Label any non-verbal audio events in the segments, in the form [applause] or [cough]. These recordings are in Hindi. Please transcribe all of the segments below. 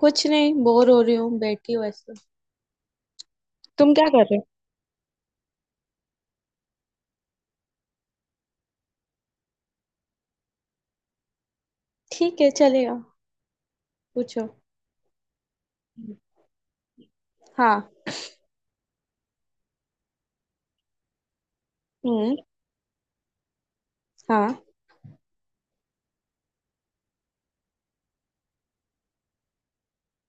कुछ नहीं, बोर हो रही हूँ, बैठी हूँ ऐसे। तुम क्या कर रहे हो? ठीक है, चलेगा। पूछो। हम्म। हाँ। हम्म, हाँ।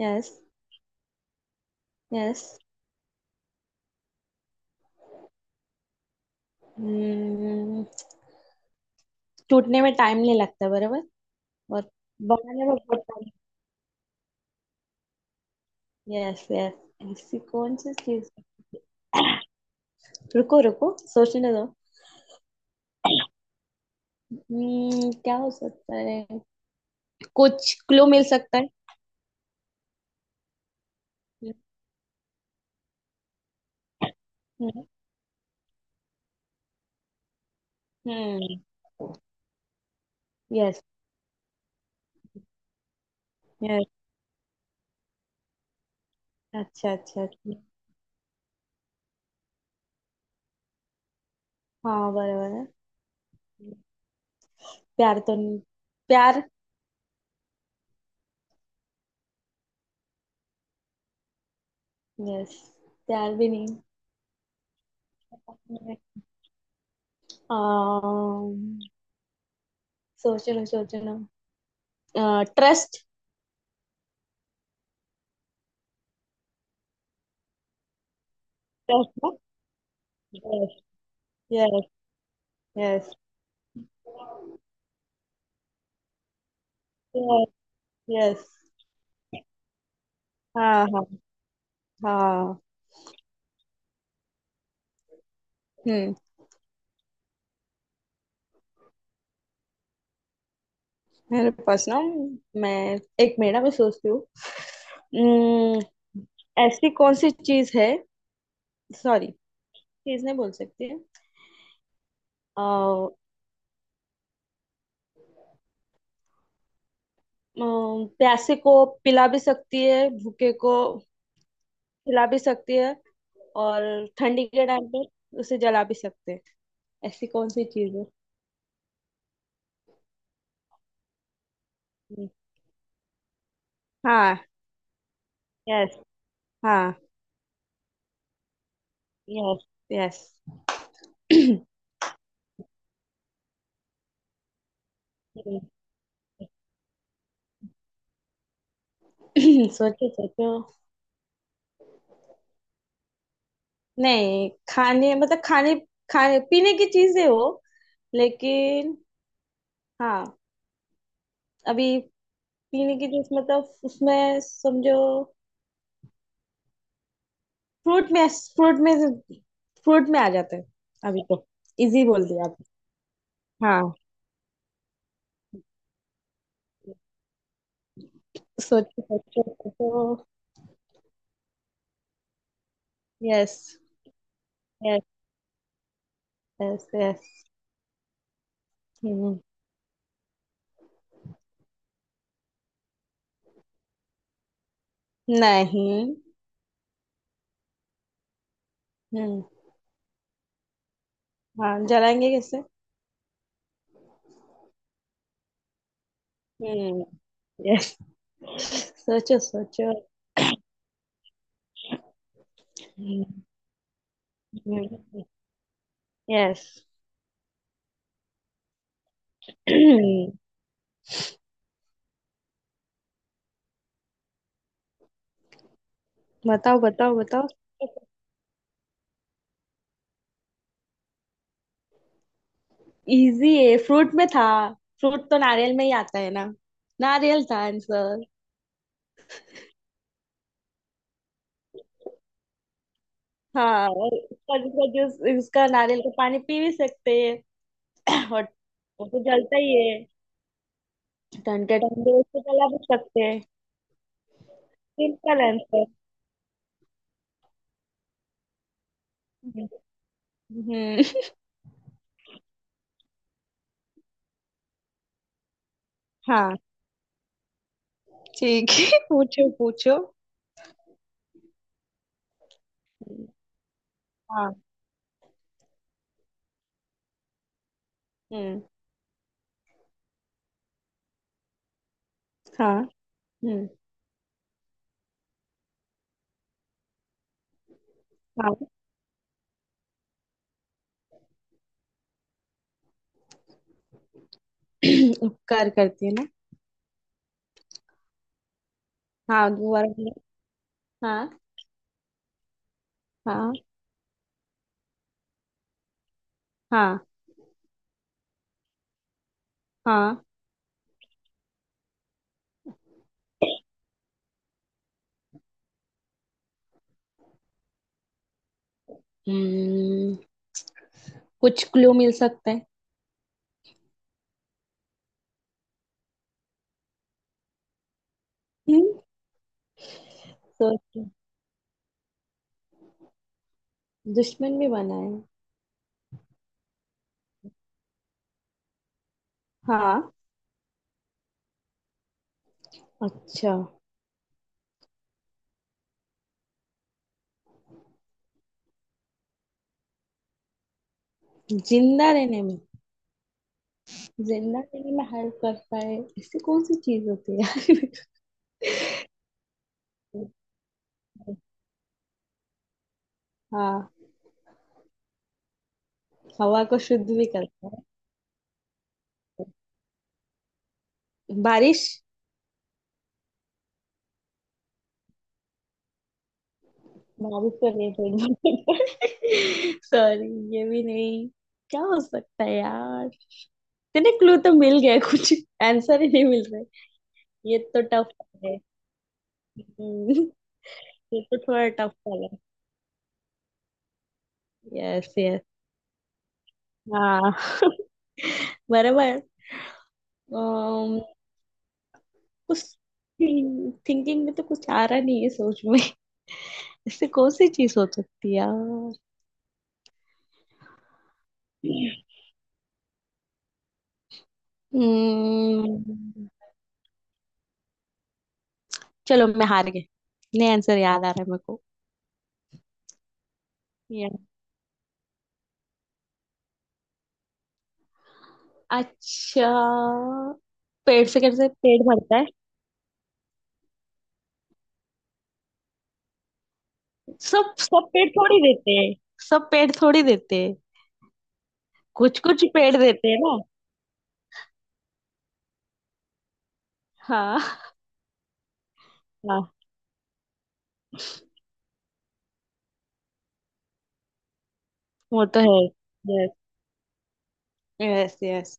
Yes yes. हम्म। टूटने में टाइम नहीं लगता, बराबर। और बनाने में बहुत टाइम। Yes yes. ऐसी कौन सी चीज? रुको रुको, सोचने दो। हम्म, क्या हो सकता है? कुछ क्लू मिल सकता है? हम्म। हम्म। Yes yes. अच्छा अच्छा अच्छा। हाँ बराबर है। प्यार तो नहीं? प्यार। यस। त्याल भी नहीं। um, सोचना सोचना। Trust. Trust. Yes. Yes. Yes. Yes. हाँ हाँ। हाँ। हम्म। मेरे पास ना, मैं, मैं सोचती हूँ। हम्म, ऐसी कौन सी चीज है? सॉरी, चीज नहीं बोल सकती है। आ, प्यासे को पिला भी सकती है, भूखे को खिला भी सकती है, और ठंडी के टाइम पे उसे जला भी सकते हैं। ऐसी कौन सी चीज है? हम्म, हाँ। यस। हाँ। Yes yes. [clears throat] सोचो सोचो। नहीं, खाने मतलब, खाने खाने पीने की चीजें हो, लेकिन। हाँ। अभी। पीने की चीज मतलब उसमें समझो। फ्रूट में, फ्रूट में, फ्रूट में आ जाता है। अभी तो। इजी बोल दिया आप। हाँ। सोचो सोचो सोचो। Yes yes. यस। हम्म। नहीं। हम्म। हाँ, जलाएंगे कैसे? हम्म। यस। सोचो सोचो। यस। बताओ बताओ बताओ। इजी है, फ्रूट में था। फ्रूट तो नारियल में ही आता है ना। नारियल था आंसर। हाँ, और इसका, इसका जूस, इसका नारियल का पानी पी भी सकते हैं। और वो तो जलता ही है। ठंडे ठंडे उसको जला भी सकते हैं। Simple answer. हम्म। हाँ ठीक है। [laughs] पूछो पूछो। हाँ। हम्म। हाँ। हम्म। हाँ। [clears throat] उपकार करती है ना। हाँ, दोबारा बोलो। हाँ। हाँ। हाँ। हाँ। हम्म। कुछ क्लू मिल सकता है? हम्म। सोचो। दुश्मन भी बना है। हाँ। अच्छा। जिंदा रहने में? जिंदा रहने में हेल्प करता है। ऐसी कौन सी चीज होती है यार? [laughs] हाँ। हवा को शुद्ध भी करता है। बारिश। बारिश तो नहीं थोड़ी, सॉरी। ये भी नहीं। क्या हो सकता है यार? तेरे क्लू तो मिल गया कुछ, आंसर ही नहीं मिल रहा है। ये तो टफ है। हम्म, ये तो थोड़ा टफ वाला। Yes yes. हाँ, बराबर। अम्म, कुछ, थिंकिंग में तो कुछ आ रहा नहीं है, सोच में। इससे कौन सी चीज हो सकती है यार? हम्म, चलो मैं हार गई। नहीं, आंसर याद आ रहा है मेरे को। Yeah। अच्छा। पेट से कैसे पेट भरता है? सब सब पेट थोड़ी देते हैं। सब पेट थोड़ी देते हैं। कुछ कुछ पेट देते हैं ना। हाँ। हाँ। वो तो है। Yes yes yes.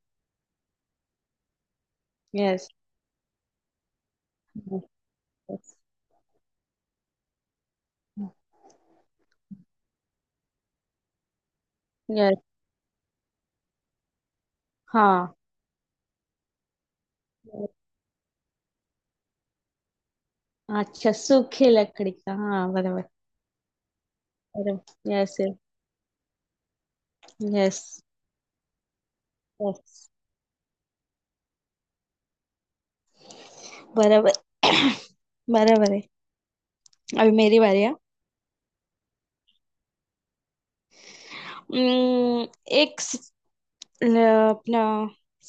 Yes yes yes. हाँ। अच्छा, सूखी लकड़ी का, हाँ बराबर। बराबर। यस। Yes yes. बराबर। बराबर है। अभी मेरी बारी है। उम्म, एक स- ल- अपना,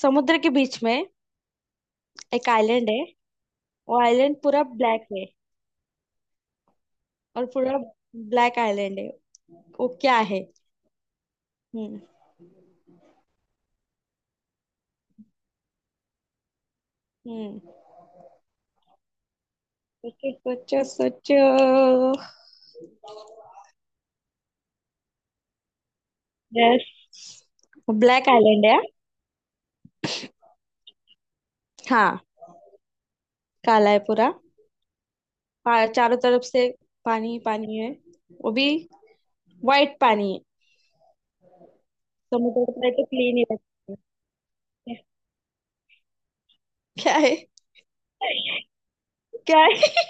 समुद्र के बीच में एक आइलैंड है। वो आइलैंड पूरा ब्लैक है। और पूरा ब्लैक आइलैंड है। वो क्या है? हम्म। हम्म। सोचो सोचो सोचो। यस। ब्लैक आइलैंड है। हाँ, काला है पूरा। चारों तरफ से पानी ही पानी है। वो भी व्हाइट पानी है। समुद्र का तो क्लीन ही रहता है। क्या है? क्या है?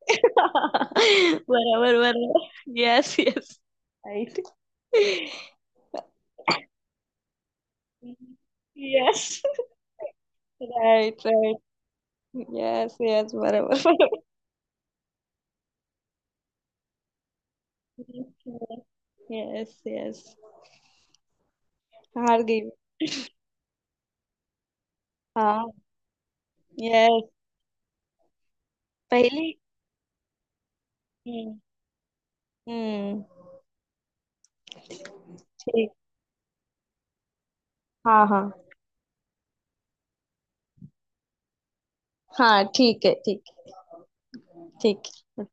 [laughs] बराबर बराबर। Yes yes. Right. Yes. Right right. Yes yes, बराबर बराबर। Yes yes. हार गई। हाँ। यस। पहली। हम्म। हम्म, ठीक। हाँ हाँ। हाँ ठीक है, ठीक है। ठीक है।